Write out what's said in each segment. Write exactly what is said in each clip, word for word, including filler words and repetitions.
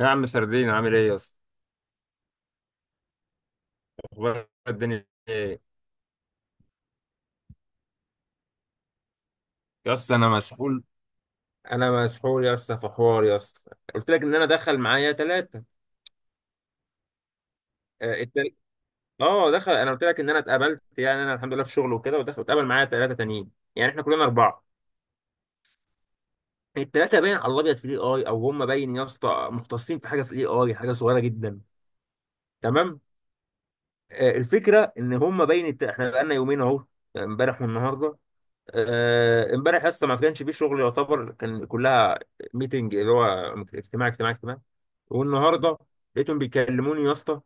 يا عم سردين، عامل ايه يا اسطى؟ اخبار الدنيا ايه؟ يا اسطى انا مسحول، انا مسحول يا اسطى في حوار يا اسطى. قلت لك ان انا دخل معايا ثلاثه. اه التل- آه، دخل، انا قلت لك ان انا اتقابلت، يعني انا الحمد لله في شغل وكده، ودخل اتقابل معايا ثلاثه تانيين. يعني احنا كلنا اربعه. الثلاثه باين على الابيض في الاي اي، او هم باين يا اسطى مختصين في حاجه في الاي اي، حاجه صغيره جدا. تمام. آه، الفكره ان هم باين الت- احنا بقالنا يومين اهو، يعني امبارح والنهارده. آه، امبارح اصلا ما كانش فيه شغل يعتبر، كان كلها ميتنج، اللي هو اجتماع اجتماع اجتماع. والنهارده لقيتهم بيكلموني يا اسطى،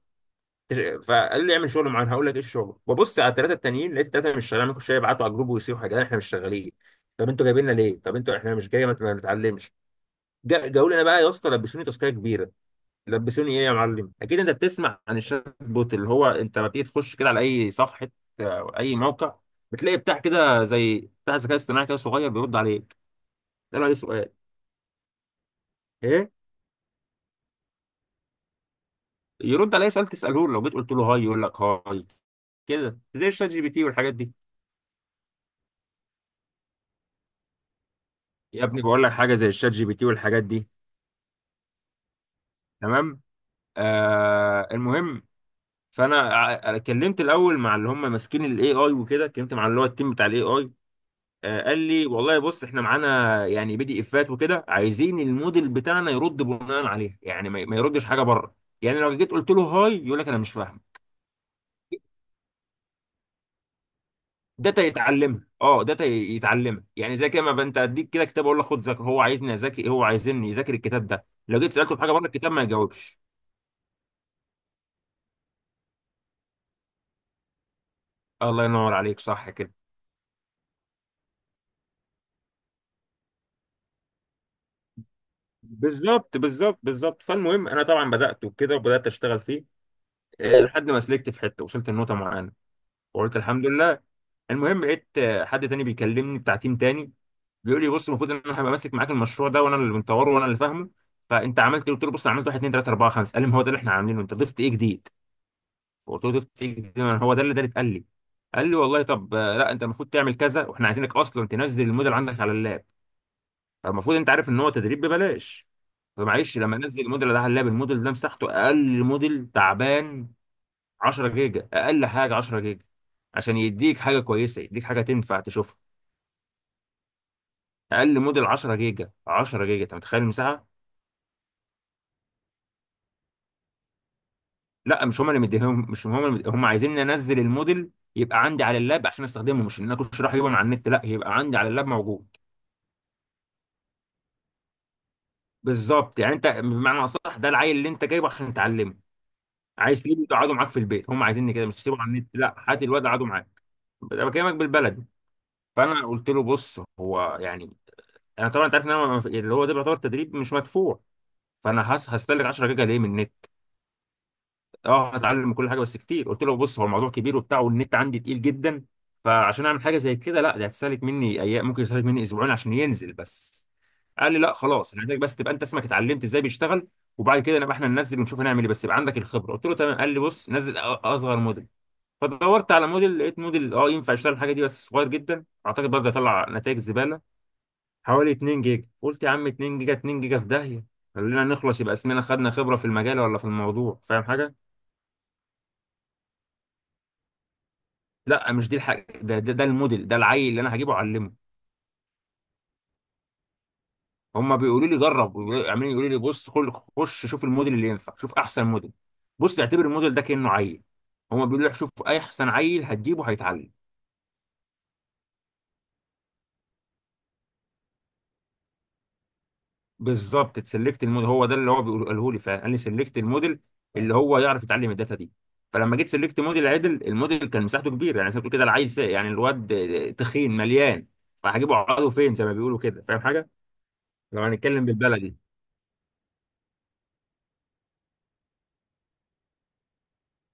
فقال لي اعمل شغل معين. هقول لك ايه الشغل. ببص على الثلاثه التانيين، لقيت الثلاثه مش شغالين، ممكن شويه يبعتوا على الجروب ويصيحوا حاجات، احنا مش شغالين. طب انتوا جايبيننا ليه؟ طب انتوا احنا مش جايه ما ما بنتعلمش. جا- جاوا لنا بقى يا اسطى، لبسوني تاسكيه كبيره. لبسوني ايه يا معلم؟ اكيد انت بتسمع عن الشات بوت، اللي هو انت لما بتيجي تخش كده على اي صفحه او اي موقع، بتلاقي بتاع كده زي بتاع ذكاء اصطناعي كده صغير بيرد عليك، تساله اي سؤال. ايه؟ يرد على اي سؤال تساله له، لو جيت قلت له هاي يقول لك هاي، كده زي الشات جي بي تي والحاجات دي. يا ابني بقول لك حاجه زي الشات جي بي تي والحاجات دي. تمام. آه المهم، فانا ع- كلمت الاول مع اللي هم ماسكين الاي اي وكده، كلمت مع اللي هو التيم بتاع الاي اي. آه، قال لي والله بص، احنا معانا يعني بي دي افات وكده، عايزين الموديل بتاعنا يرد بناء عليها، يعني ما ما يردش حاجه بره. يعني لو جيت قلت له هاي يقول لك انا مش فاهم. داتا يتعلمها، اه داتا ي- يتعلمها، يعني زي كده ما بقى انت اديك كده كتاب اقول لك خد ذاكر، هو عايزني اذاكر، هو عايزني يذاكر الكتاب ده. لو جيت سالته في حاجه بره الكتاب ما يجاوبش. الله ينور عليك، صح كده. بالظبط بالظبط بالظبط فالمهم انا طبعا بدات وكده، وبدات اشتغل فيه. آه، لحد ما سلكت في حته، وصلت النقطه معانا وقلت الحمد لله. المهم لقيت آه، حد تاني بيكلمني بتاع تيم تاني، بيقول لي بص، المفروض ان انا هبقى ماسك معاك المشروع ده، وانا اللي مطوره وانا اللي فاهمه. فانت عملت إيه؟ قلت له بص انا عملت واحد اتنين تلاته اربعه خمسه. قال لي ما هو ده اللي احنا عاملينه، انت ضفت ايه جديد؟ قلت له ضفت ايه جديد؟ ما هو ده اللي ده اللي اتقال لي. قال لي والله طب، آه، لا، انت المفروض تعمل كذا، واحنا عايزينك اصلا تنزل الموديل عندك على اللاب. فالمفروض انت عارف ان هو تدريب ببلاش. فمعلش لما انزل الموديل ده على اللاب، الموديل ده مساحته، اقل موديل تعبان عشره جيجا، اقل حاجه عشره جيجا، عشان يديك حاجه كويسه، يديك حاجه تنفع تشوفها. اقل موديل عشره جيجا، عشره جيجا، انت متخيل المساحه؟ لا مش هم اللي مديهم، مش هم اللي مديهم. هم عايزين انزل الموديل، يبقى عندي على اللاب عشان استخدمه، مش ان انا كنت رايح اجيبه من على النت، لا، يبقى عندي على اللاب موجود. بالظبط، يعني انت بمعنى اصح ده العيل اللي انت جايبه عشان تعلمه، عايز تجيبه تقعده معاك في البيت. هم عايزيني كده، مش تسيبه على النت، لا، هات الواد قعده معاك. انا بكلمك بالبلد. فانا قلت له بص، هو يعني انا طبعا انت عارف ان انا ما- اللي هو ده بيعتبر تدريب مش مدفوع، فانا هس- هستهلك عشره جيجا ليه من النت. اه هتعلم من كل حاجه، بس كتير. قلت له بص، هو الموضوع كبير وبتاع، والنت عندي تقيل جدا، فعشان اعمل حاجه زي كده، لا ده هتستهلك مني ايام، ممكن يستهلك مني اسبوعين عشان ينزل بس. قال لي لا خلاص، انا عايزك بس تبقى انت اسمك اتعلمت ازاي بيشتغل، وبعد كده نبقى احنا ننزل ونشوف هنعمل ايه، بس يبقى عندك الخبره. قلت له تمام. قال لي بص نزل أ- اصغر موديل. فدورت على موديل، لقيت موديل اه ينفع يشتغل الحاجه دي، بس صغير جدا، اعتقد برضه هيطلع نتائج زباله، حوالي اتنين جيجا. قلت يا عم اتنين جيجا، اتنين جيجا في داهيه، خلينا نخلص، يبقى اسمنا خدنا خبره في المجال ولا في الموضوع، فاهم حاجه. لا مش دي الحاجه، ده ده, ده الموديل، ده العيل اللي انا هجيبه اعلمه. هم بيقولوا لي جرب ويقولوا- عمالين يقولوا لي بص كل خش شوف الموديل اللي ينفع، شوف احسن موديل. بص اعتبر الموديل ده كانه عيل، هم بيقولوا لي شوف اي احسن عيل هتجيبه هيتعلم. بالظبط، تسلكت الموديل، هو ده اللي هو بيقول- قاله لي فعلا، قال لي سلكت الموديل اللي هو يعرف يتعلم الداتا دي. فلما جيت سلكت موديل عدل، الموديل كان مساحته كبيره، يعني زي ما بتقول كده العيل ساق، يعني الواد تخين مليان، فهجيبه عقله فين زي ما بيقولوا كده، فاهم حاجه. لو هنتكلم بالبلدي،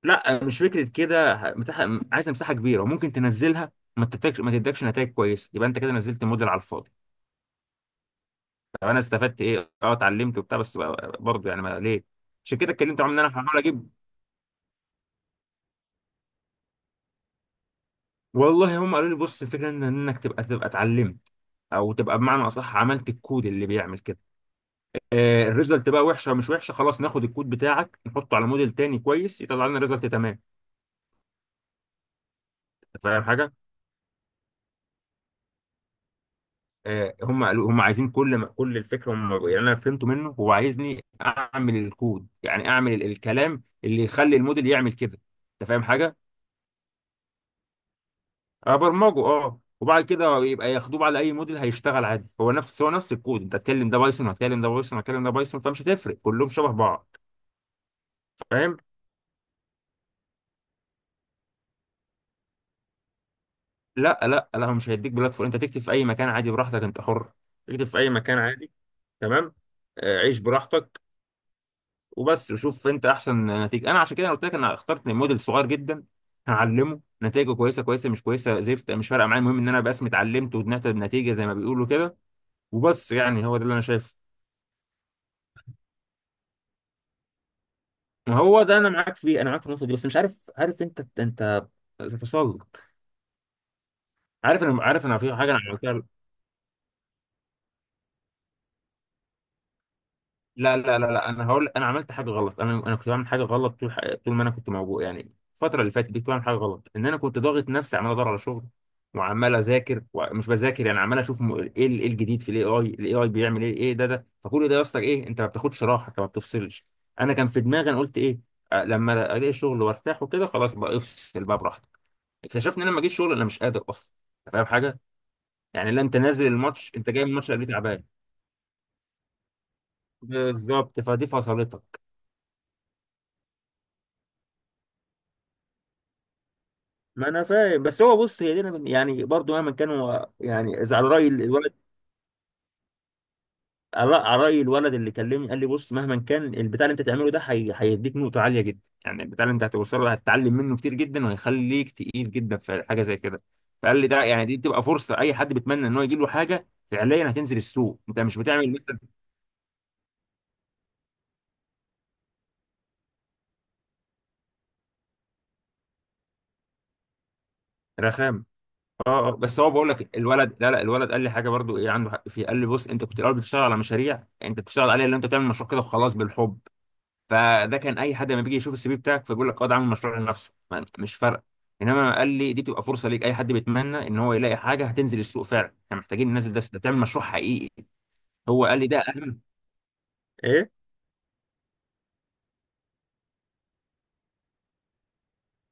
لا مش فكره كده، ه- مساحه، عايز مساحه كبيره وممكن تنزلها ما تدكش، ما تدكش نتائج كويسه، يبقى انت كده نزلت موديل على الفاضي. طب انا استفدت ايه؟ اه اتعلمت وبتاع، بس بقى، برضه يعني ما ليه. عشان كده اتكلمت معاهم ان انا هحاول اجيب. والله هم قالوا لي بص، الفكره ان انك تبقى تبقى اتعلمت، او تبقى بمعنى اصح عملت الكود اللي بيعمل كده. آه الريزلت بقى وحشه مش وحشه، خلاص ناخد الكود بتاعك نحطه على موديل تاني كويس، يطلع لنا ريزلت تمام. أنت فاهم حاجه. آه، هم قالوا هم عايزين كل ما كل الفكره هم، يعني انا فهمته منه هو عايزني اعمل الكود، يعني اعمل ال- الكلام اللي يخلي الموديل يعمل كده. انت فاهم حاجه. ابرمجه، اه، وبعد كده يبقى ياخدوه على اي موديل هيشتغل عادي، هو نفس هو نفس الكود، انت هتكلم ده بايثون، هتكلم ده بايثون، هتكلم ده بايثون، فمش هتفرق، كلهم شبه بعض. فاهم. لا لا لا، هو مش هيديك بلاتفورم، انت تكتب في اي مكان عادي براحتك، انت حر تكتب في اي مكان عادي. تمام. آه، عيش براحتك، وبس، وشوف انت احسن نتيجه. انا عشان كده أنا قلت لك انا اخترت موديل صغير جدا، هعلمه، نتائجه كويسه كويسه، مش كويسه زفت، مش فارقه معايا، المهم ان انا بس اتعلمت وطلعت بنتيجه زي ما بيقولوا كده، وبس. يعني هو ده اللي انا شايفه. ما هو ده انا معاك فيه، انا معاك في النقطه دي، بس مش عارف، عارف انت انت فصلت، عارف، انا عارف، انا في حاجه انا عملتها. لا لا لا لا، انا هقول انا عملت حاجه غلط، انا انا كنت بعمل حاجه غلط، طول ح- طول ما انا كنت موجود يعني الفتره اللي فاتت دي، كنت بعمل حاجه غلط، ان انا كنت ضاغط نفسي، عمال ادور على شغل، وعمال اذاكر ومش بذاكر، يعني عمال اشوف م- ايه ال- ايه الجديد في الاي اي، الاي اي بيعمل ايه، ايه ده ده، فكل ده يا اسطى، ايه، انت ما بتاخدش راحه، انت ما بتفصلش. انا كان في دماغي انا قلت ايه؟ آه، لما الاقي شغل وارتاح وكده، خلاص بقى افصل بقى براحتك. اكتشفت ان انا لما جيت شغل، انا مش قادر اصلا. أنت فاهم حاجه. يعني لا، انت نازل الماتش، انت جاي من الماتش، قلبي تعبان. بالظبط، فدي فصلتك. ما انا فاهم، بس هو بص، هي دي أنا من- يعني برضو مهما كان هو، يعني اذا على راي الولد، على على راي الولد اللي كلمني، قال لي بص، مهما كان البتاع اللي انت تعمله ده، هي... هيديك نقطه عاليه جدا، يعني البتاع اللي انت هتوصله ده هتتعلم منه كتير جدا، وهيخليك تقيل جدا في حاجه زي كده. فقال لي ده يعني دي بتبقى فرصه، اي حد بيتمنى ان هو يجي له حاجه فعليا هتنزل السوق، انت مش بتعمل مثلا رخام. اه اه، بس هو بقول لك الولد، لا لا، الولد قال لي حاجه برضو، ايه عنده حق فيه، قال لي بص، انت كنت الاول بتشتغل على مشاريع انت بتشتغل عليها، اللي انت بتعمل مشروع كده وخلاص بالحب، فده كان اي حد لما بيجي يشوف السي في بتاعك فبيقول لك اه ده عامل مشروع لنفسه، ما- مش فارقه. انما قال لي دي بتبقى فرصه ليك، اي حد بيتمنى ان هو يلاقي حاجه هتنزل السوق فعلا، احنا محتاجين ننزل ده، ده تعمل مشروع حقيقي. هو قال لي ده اهم. ايه.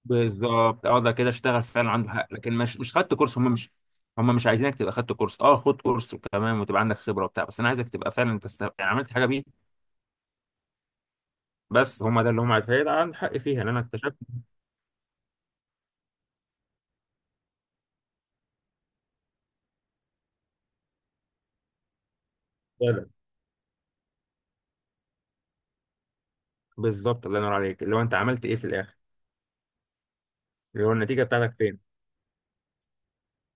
بالظبط، اه، ده كده اشتغل فعلا، عنده حق، لكن مش مش خدت كورس، هم مش، هم مش عايزينك تبقى خدت كورس، اه، خد كورس وكمان وتبقى عندك خبره وبتاع، بس انا عايزك تبقى فعلا انت است- يعني عملت حاجه بيه. بس هم ده اللي هم عايزين، فهيبقى عندك حق فيها، لان انا اكتشفت فعلا. بالظبط، الله ينور عليك، اللي هو انت عملت ايه في الاخر، اللي هو النتيجه بتاعتك فين.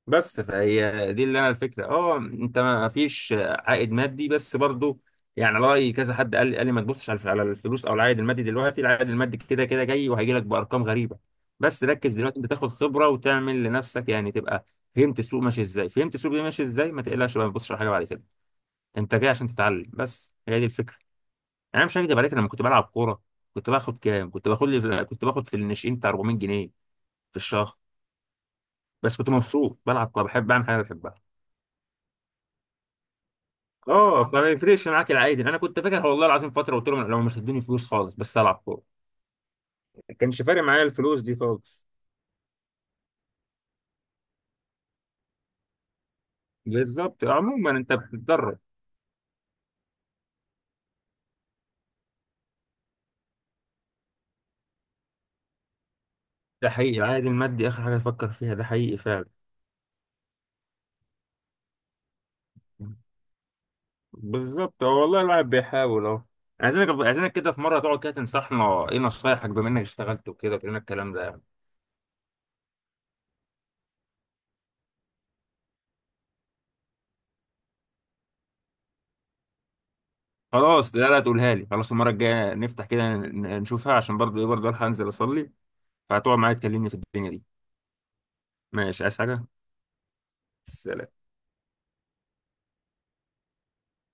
بس فهي دي اللي انا الفكره، اه، انت ما فيش عائد مادي، بس برضو، يعني رأي كذا حد قال لي، قال لي ما تبصش على الف- على الفلوس او العائد المادي دلوقتي، العائد المادي كده كده جاي وهيجي لك بارقام غريبه، بس ركز دلوقتي انت تاخد خبره وتعمل لنفسك، يعني تبقى فهمت السوق ماشي ازاي، فهمت السوق ده ماشي ازاي، ما تقلقش بقى، ما تبصش على حاجه بعد كده، انت جاي عشان تتعلم بس، هي دي الفكره. يعني انا مش هكدب عليك، أنا لما كنت بلعب كوره، كنت باخد كام؟ كنت باخد لي في... كنت باخد في الناشئين بتاع اربعميت جنيه في الشهر، بس كنت مبسوط، بلعب كوره، بحب اعمل حاجه بحبها. اه، فما يفرقش معاك، العادي انا كنت فاكر والله العظيم فتره قلت لهم لو مش هتدوني فلوس خالص بس العب كوره، ما كانش فارق معايا الفلوس دي خالص. بالظبط، عموما انت بتتدرب. ده حقيقي، العائد المادي اخر حاجه تفكر فيها، ده حقيقي فعلا. بالظبط، هو والله الواحد بيحاول اهو. عايزينك عايزينك كده في مره تقعد كده تنصحنا، ايه نصايحك بما انك اشتغلت وكده، وكلنا الكلام ده يعني. خلاص لا لا، تقولها لي خلاص المره الجايه، نفتح كده، ن- نشوفها، عشان برضه ايه، برضه الحق انزل اصلي، فهتقعد معايا تكلمني في الدنيا دي. ماشي، عايز حاجه؟ سلام.